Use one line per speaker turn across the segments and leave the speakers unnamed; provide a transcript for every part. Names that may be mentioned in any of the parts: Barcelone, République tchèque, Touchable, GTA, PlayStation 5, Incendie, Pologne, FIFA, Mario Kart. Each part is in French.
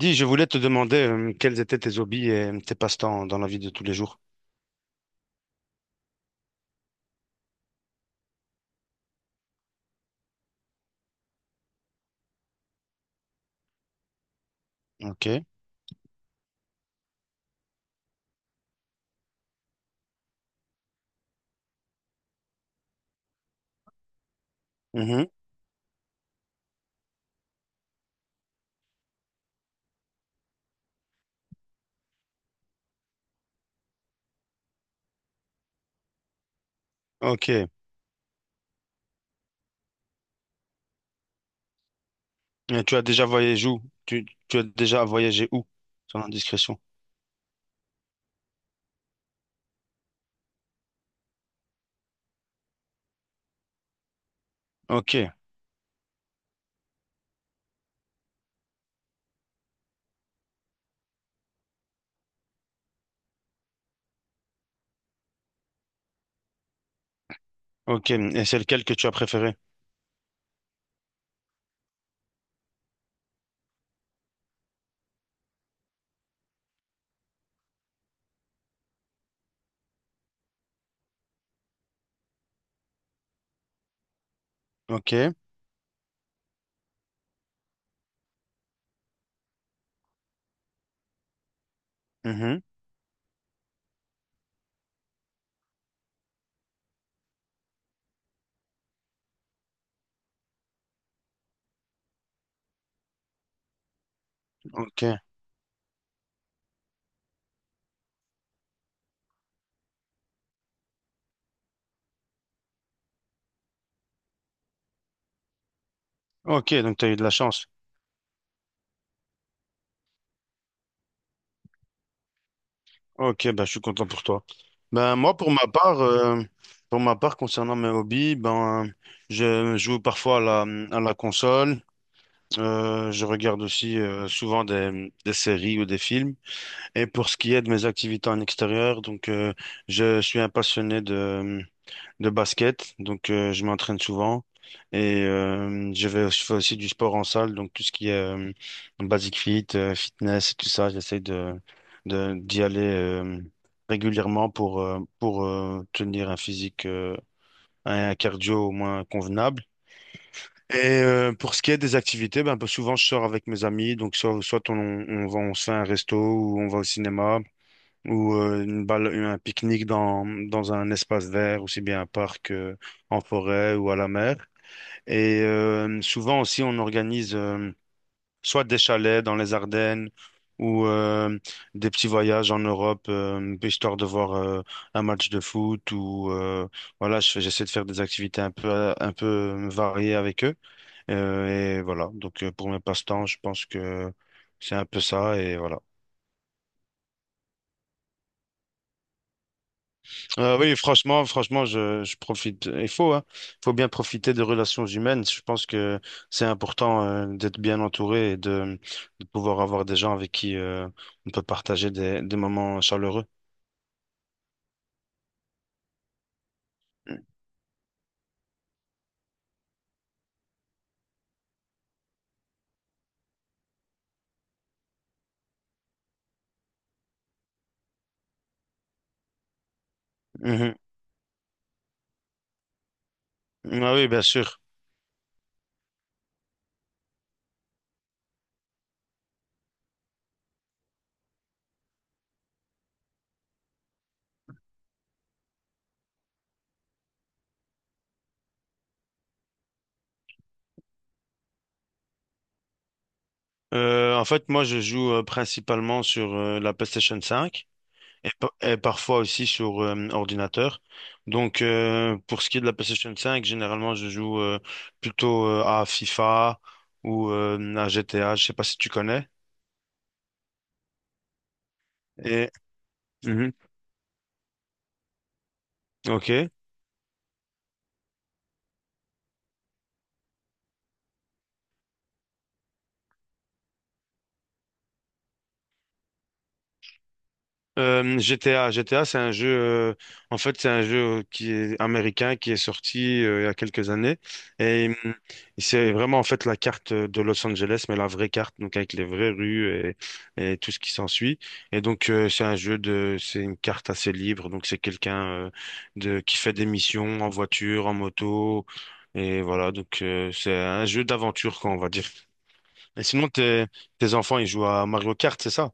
Dis, je voulais te demander quels étaient tes hobbies et tes passe-temps dans la vie de tous les jours. Ok. Mhm. Ok. Et tu as déjà voyagé où? Tu as déjà voyagé où? Sans indiscrétion. Ok. Ok. Et c'est lequel que tu as préféré? Ok. Mhm. Ok. Ok. Donc, tu as eu de la chance. Ok. Ben, je suis content pour toi. Ben, moi, pour ma part, concernant mes hobbies, ben, je joue parfois à la console. Je regarde aussi souvent des séries ou des films. Et pour ce qui est de mes activités en extérieur, donc je suis un passionné de basket, donc je m'entraîne souvent et je fais aussi du sport en salle, donc tout ce qui est basic fit, fitness tout ça, de d'y aller régulièrement pour tenir un physique un cardio au moins convenable. Et pour ce qui est des activités, ben, un peu souvent je sors avec mes amis, donc soit on se fait un resto ou on va au cinéma ou une balle, un pique-nique dans un espace vert, aussi bien un parc, en forêt ou à la mer. Et souvent aussi, on organise soit des chalets dans les Ardennes ou des petits voyages en Europe, histoire de voir un match de foot ou voilà, j'essaie de faire des activités un peu variées avec eux. Euh, et voilà, donc pour mes passe-temps, je pense que c'est un peu ça et voilà. Oui, franchement, franchement, je profite. Il faut, hein. Il faut bien profiter des relations humaines. Je pense que c'est important d'être bien entouré et de pouvoir avoir des gens avec qui on peut partager des moments chaleureux. Mhm. Ah oui, bien sûr. En fait, moi, je joue principalement sur la PlayStation 5. Et et parfois aussi sur ordinateur. Donc, pour ce qui est de la PlayStation 5, généralement, je joue plutôt à FIFA ou à GTA. Je sais pas si tu connais. Et Mhm. Ok. GTA, c'est un jeu, en fait, c'est un jeu qui est américain qui est sorti il y a quelques années et c'est vraiment en fait la carte de Los Angeles, mais la vraie carte, donc avec les vraies rues et tout ce qui s'ensuit. Et donc c'est un c'est une carte assez libre. Donc c'est quelqu'un de qui fait des missions en voiture, en moto et voilà. Donc c'est un jeu d'aventure, quoi, on va dire. Et sinon, tes enfants, ils jouent à Mario Kart, c'est ça?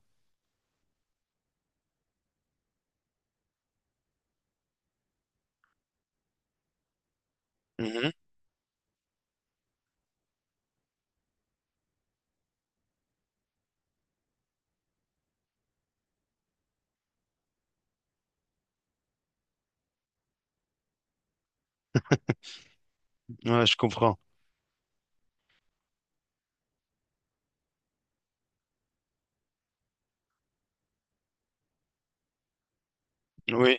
Mhm. Ouais, je comprends. Oui.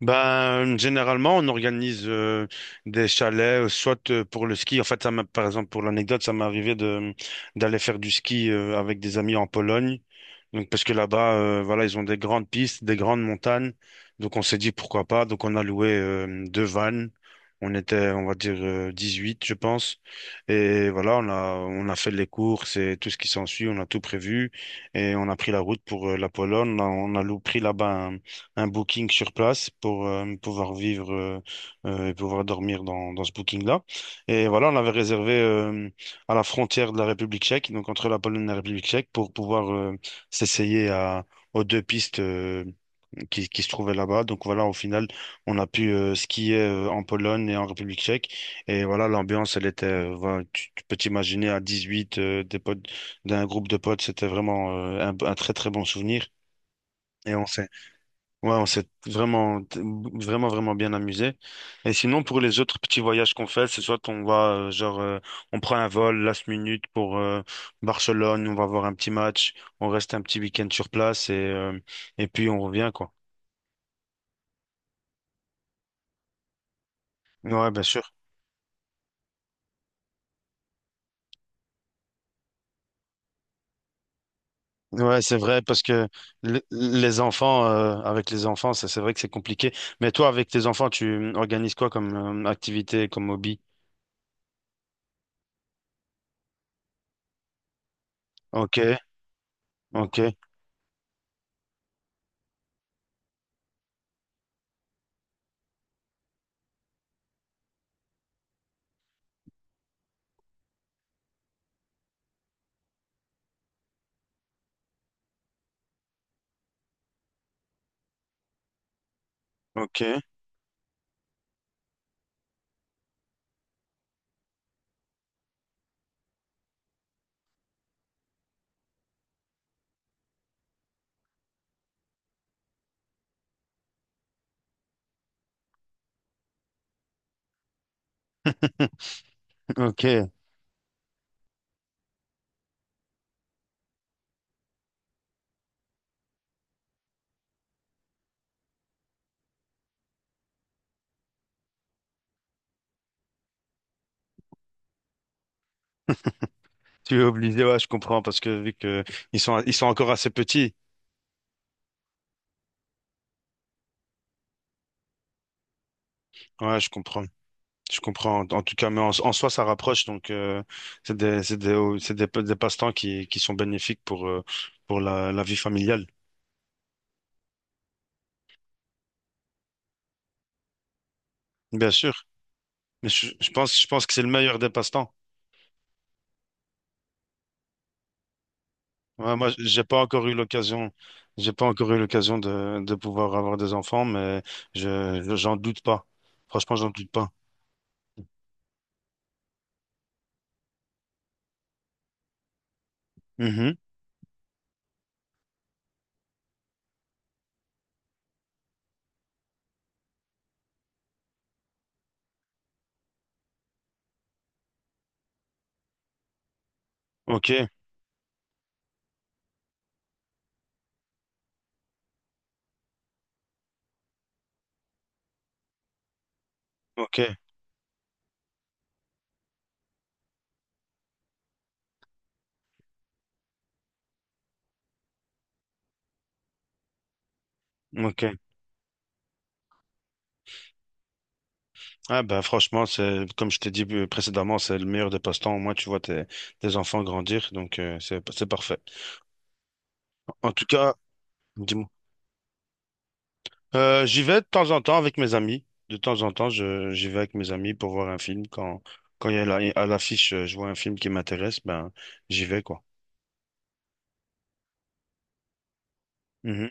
Ben, généralement, on organise des chalets, soit pour le ski. En fait, ça m'a, par exemple, pour l'anecdote, ça m'est arrivé de d'aller faire du ski avec des amis en Pologne. Donc, parce que là-bas, voilà, ils ont des grandes pistes, des grandes montagnes. Donc, on s'est dit pourquoi pas. Donc, on a loué deux vannes. On était, on va dire, huit je pense. Et voilà, on a fait les courses et tout ce qui s'ensuit. On a tout prévu et on a pris la route pour la Pologne. On a pris là-bas un booking sur place pour pouvoir vivre et pouvoir dormir dans ce booking-là. Et voilà, on l'avait réservé à la frontière de la République tchèque, donc entre la Pologne et la République tchèque, pour pouvoir s'essayer à, aux deux pistes qui se trouvaient là-bas. Donc voilà, au final, on a pu skier en Pologne et en République tchèque. Et voilà, l'ambiance, elle était, voilà, tu peux t'imaginer à 18, des potes, d'un groupe de potes, c'était vraiment un très très bon souvenir. Et on s'est Ouais, on s'est vraiment, vraiment bien amusé. Et sinon, pour les autres petits voyages qu'on fait, c'est soit on va, genre, on prend un vol last minute pour Barcelone, on va voir un petit match, on reste un petit week-end sur place et puis on revient, quoi. Ouais, bien sûr. Ouais, c'est vrai, parce que les enfants, avec les enfants, ça, c'est vrai que c'est compliqué. Mais toi, avec tes enfants, tu organises quoi comme activité, comme hobby? Ok, ok, ok, ok. Tu es obligé, ouais, je comprends, parce que vu que ils sont encore assez petits, ouais, je comprends, je comprends. En tout cas, mais en, en soi, ça rapproche, donc c'est des passe-temps qui sont bénéfiques pour la vie familiale, bien sûr. Mais je pense que c'est le meilleur des passe-temps. Ouais, moi, j'ai pas encore eu l'occasion, j'ai pas encore eu l'occasion de pouvoir avoir des enfants, mais j'en doute pas. Franchement, j'en doute pas. Mhm. Ok, ok, ok. Ah bah franchement, c'est comme je t'ai dit précédemment, c'est le meilleur des passe-temps. Au moins, tu vois tes enfants grandir, donc c'est parfait. En tout cas, dis-moi. J'y vais de temps en temps avec mes amis. De temps en temps, je j'y vais avec mes amis pour voir un film. Quand il y a à l'affiche, je vois un film qui m'intéresse, ben j'y vais quoi. Mhm.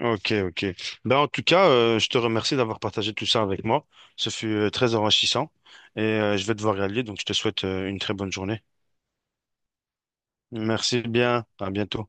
Ok, ok. Ben en tout cas, je te remercie d'avoir partagé tout ça avec moi. Ce fut très enrichissant et je vais devoir y aller, donc je te souhaite une très bonne journée. Merci bien. À bientôt.